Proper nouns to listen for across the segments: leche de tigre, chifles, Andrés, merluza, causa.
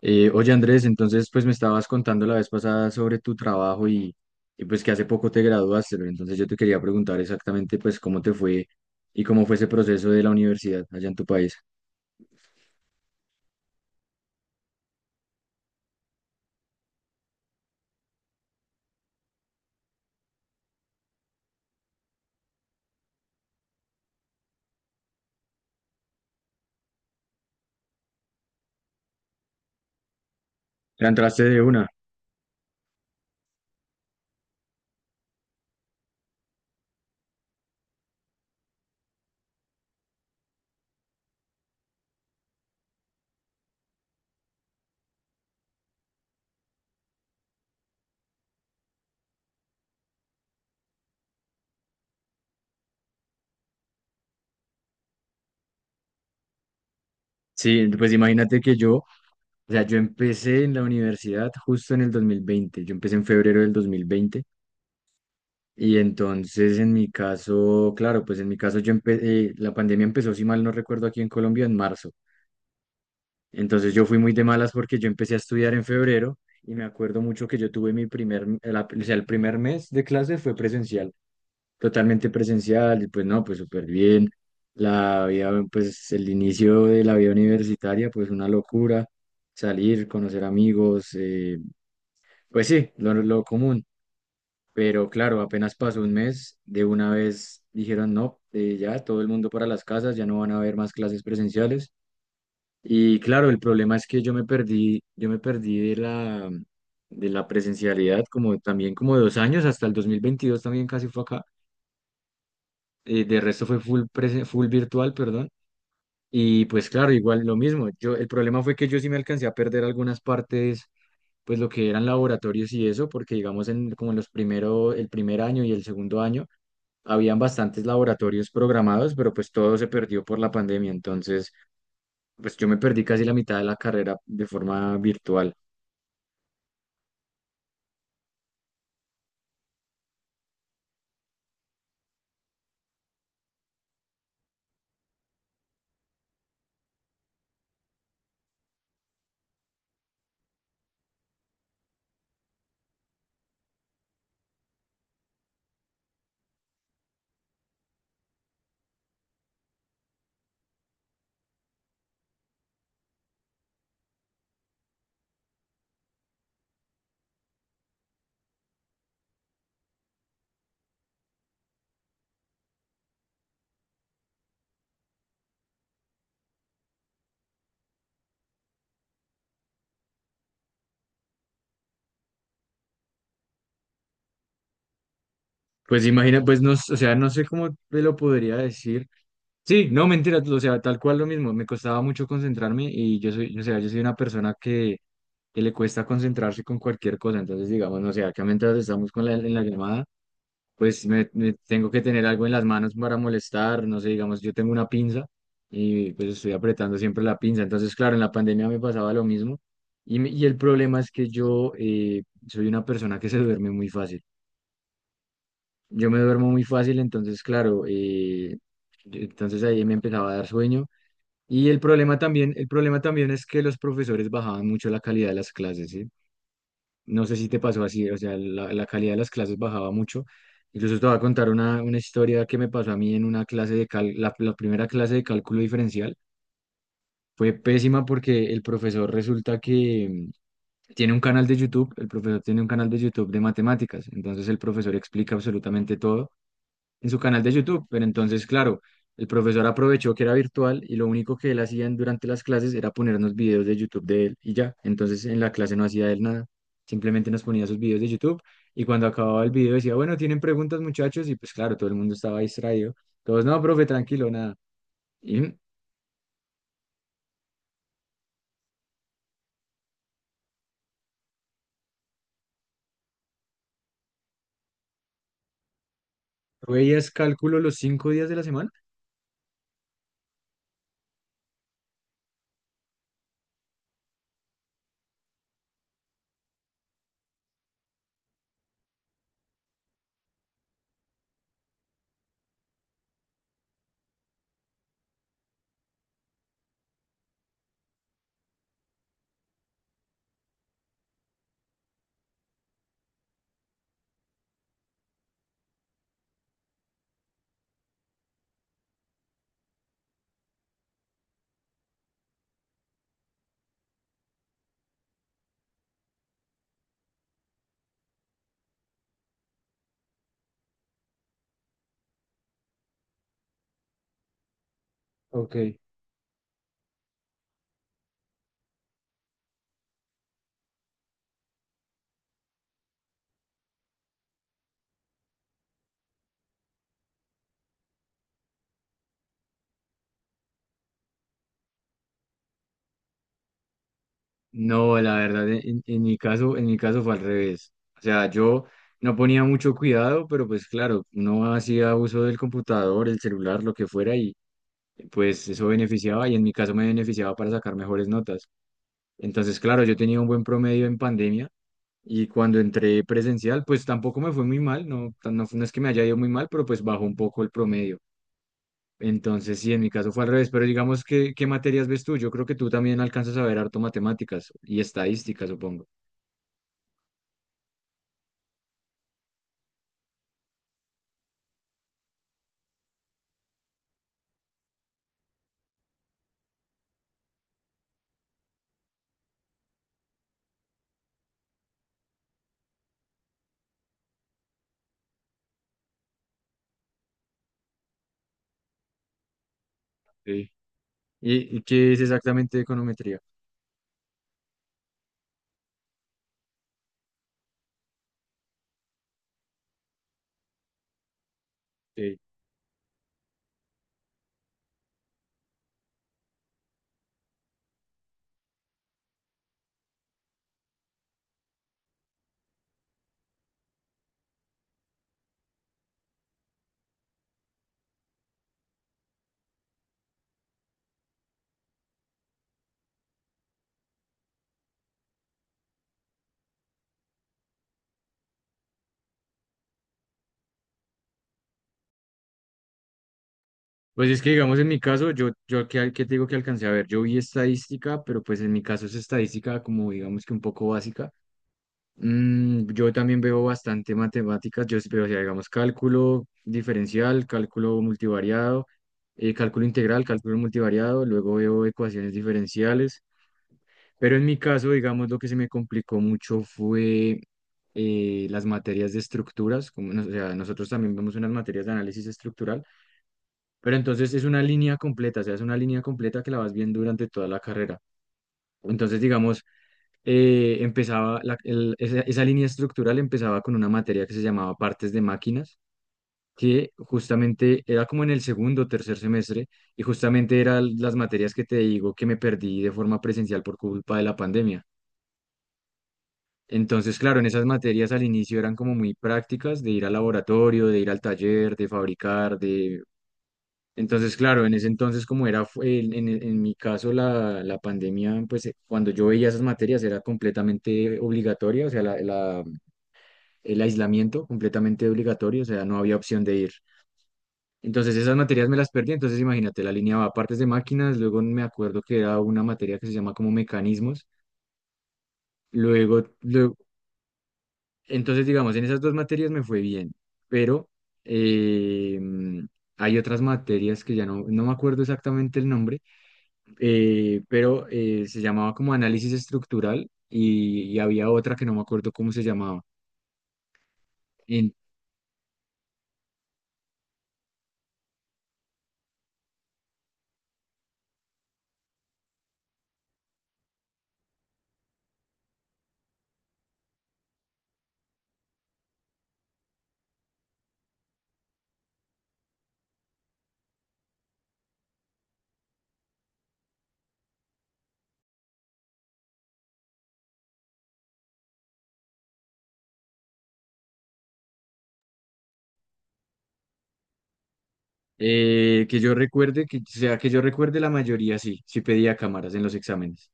Oye Andrés, entonces pues me estabas contando la vez pasada sobre tu trabajo y pues que hace poco te graduaste, pero entonces yo te quería preguntar exactamente pues cómo te fue y cómo fue ese proceso de la universidad allá en tu país. ¿Te entraste de una? Sí, pues imagínate que o sea, yo empecé en la universidad justo en el 2020. Yo empecé en febrero del 2020 y entonces en mi caso, claro, pues en mi caso la pandemia empezó, si mal no recuerdo, aquí en Colombia en marzo. Entonces yo fui muy de malas porque yo empecé a estudiar en febrero y me acuerdo mucho que yo tuve mi primer, la- o sea, el primer mes de clase fue presencial, totalmente presencial, y pues no, pues súper bien. La vida, pues el inicio de la vida universitaria, pues una locura, salir, conocer amigos, pues sí, lo común. Pero claro, apenas pasó un mes, de una vez dijeron, no, ya todo el mundo para las casas, ya no van a haber más clases presenciales. Y claro, el problema es que yo me perdí de de la presencialidad como también como dos años, hasta el 2022 también casi fue acá. De resto fue full virtual, perdón. Y pues claro, igual lo mismo. Yo, el problema fue que yo sí me alcancé a perder algunas partes, pues lo que eran laboratorios y eso, porque digamos en como en los primero el primer año y el segundo año, habían bastantes laboratorios programados, pero pues todo se perdió por la pandemia. Entonces, pues yo me perdí casi la mitad de la carrera de forma virtual. Pues imagina, pues no, o sea, no sé cómo te lo podría decir. Sí, no, mentira, o sea, tal cual lo mismo, me costaba mucho concentrarme y o sea, yo soy una persona que le cuesta concentrarse con cualquier cosa, entonces digamos, no sé, acá mientras estamos con en la llamada, pues me tengo que tener algo en las manos para molestar, no sé, digamos, yo tengo una pinza y pues estoy apretando siempre la pinza, entonces claro, en la pandemia me pasaba lo mismo y el problema es que yo soy una persona que se duerme muy fácil. Yo me duermo muy fácil, entonces, claro, entonces ahí me empezaba a dar sueño. El problema también es que los profesores bajaban mucho la calidad de las clases, ¿sí? No sé si te pasó así, o sea, la calidad de las clases bajaba mucho. Incluso te voy a contar una historia que me pasó a mí en una clase de cal, la primera clase de cálculo diferencial. Fue pésima porque el profesor resulta que tiene un canal de YouTube, el profesor tiene un canal de YouTube de matemáticas, entonces el profesor explica absolutamente todo en su canal de YouTube. Pero entonces, claro, el profesor aprovechó que era virtual y lo único que él hacía durante las clases era ponernos videos de YouTube de él y ya. Entonces, en la clase no hacía él nada, simplemente nos ponía sus videos de YouTube y cuando acababa el video decía, bueno, ¿tienen preguntas, muchachos? Y pues claro, todo el mundo estaba distraído. Todos, no, profe, tranquilo, nada. ¿Y tú veías cálculo los cinco días de la semana? Ok. No, la verdad, en mi caso fue al revés. O sea, yo no ponía mucho cuidado, pero pues claro, uno hacía uso del computador, el celular, lo que fuera, y pues eso beneficiaba, y en mi caso me beneficiaba para sacar mejores notas. Entonces, claro, yo tenía un buen promedio en pandemia, y cuando entré presencial, pues tampoco me fue muy mal, no, no es que me haya ido muy mal, pero pues bajó un poco el promedio. Entonces, sí, en mi caso fue al revés, pero digamos ¿qué materias ves tú? Yo creo que tú también alcanzas a ver harto matemáticas y estadísticas, supongo. Sí. Y qué es exactamente econometría? Sí. Pues es que, digamos, en mi caso, yo qué te digo que alcancé a ver? Yo vi estadística, pero pues en mi caso es estadística como, digamos, que un poco básica. Yo también veo bastante matemáticas, yo sí veo, o sea, digamos, cálculo diferencial, cálculo multivariado, cálculo integral, cálculo multivariado, luego veo ecuaciones diferenciales. Pero en mi caso, digamos, lo que se me complicó mucho fue las materias de estructuras, como, o sea, nosotros también vemos unas materias de análisis estructural, pero entonces es una línea completa, o sea, es una línea completa que la vas viendo durante toda la carrera. Entonces, digamos, empezaba, la- el- esa línea estructural empezaba con una materia que se llamaba partes de máquinas, que justamente era como en el segundo o tercer semestre, y justamente eran las materias que te digo que me perdí de forma presencial por culpa de la pandemia. Entonces, claro, en esas materias al inicio eran como muy prácticas de ir al laboratorio, de ir al taller, de fabricar, de... Entonces, claro, en ese entonces como era, fu- en mi caso la pandemia, pues cuando yo veía esas materias era completamente obligatoria, o sea, el aislamiento completamente obligatorio, o sea, no había opción de ir. Entonces esas materias me las perdí, entonces imagínate, la alineaba partes de máquinas, luego me acuerdo que era una materia que se llama como mecanismos, luego. Entonces, digamos, en esas dos materias me fue bien, pero eh, mm, hay otras materias que ya no me acuerdo exactamente el nombre, se llamaba como análisis estructural y había otra que no me acuerdo cómo se llamaba. En- que yo recuerde, o sea, que yo recuerde la mayoría sí pedía cámaras en los exámenes.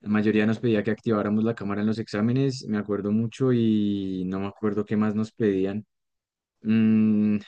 La mayoría nos pedía que activáramos la cámara en los exámenes, me acuerdo mucho y no me acuerdo qué más nos pedían. Mm,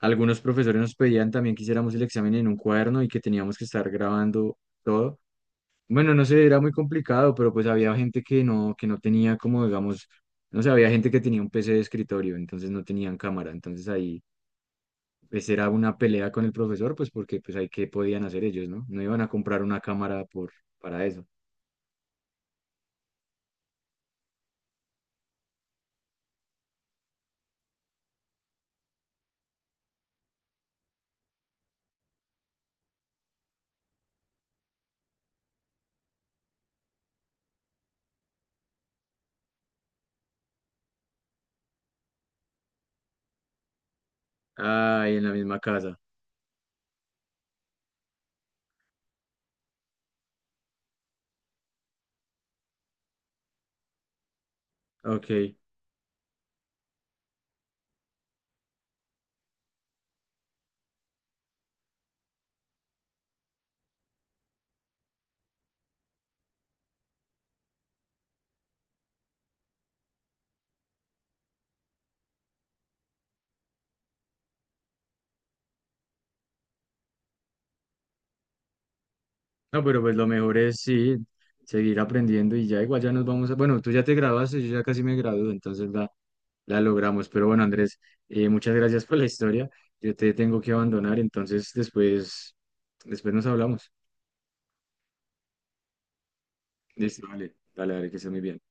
Algunos profesores nos pedían también que hiciéramos el examen en un cuaderno y que teníamos que estar grabando todo. Bueno, no sé, era muy complicado, pero pues había gente que no tenía como, digamos, no sé, había gente que tenía un PC de escritorio, entonces no tenían cámara. Entonces ahí pues era una pelea con el profesor, pues porque pues ahí qué podían hacer ellos, ¿no? No iban a comprar una cámara por, para eso. Ay, en la misma casa. Ok. No, pero pues lo mejor es sí, seguir aprendiendo y ya igual ya nos vamos a... Bueno, tú ya te graduaste, yo ya casi me gradúo, entonces va. La logramos, pero bueno, Andrés, muchas gracias por la historia. Yo te tengo que abandonar, entonces después nos hablamos. Listo, vale, dale, que estés muy bien.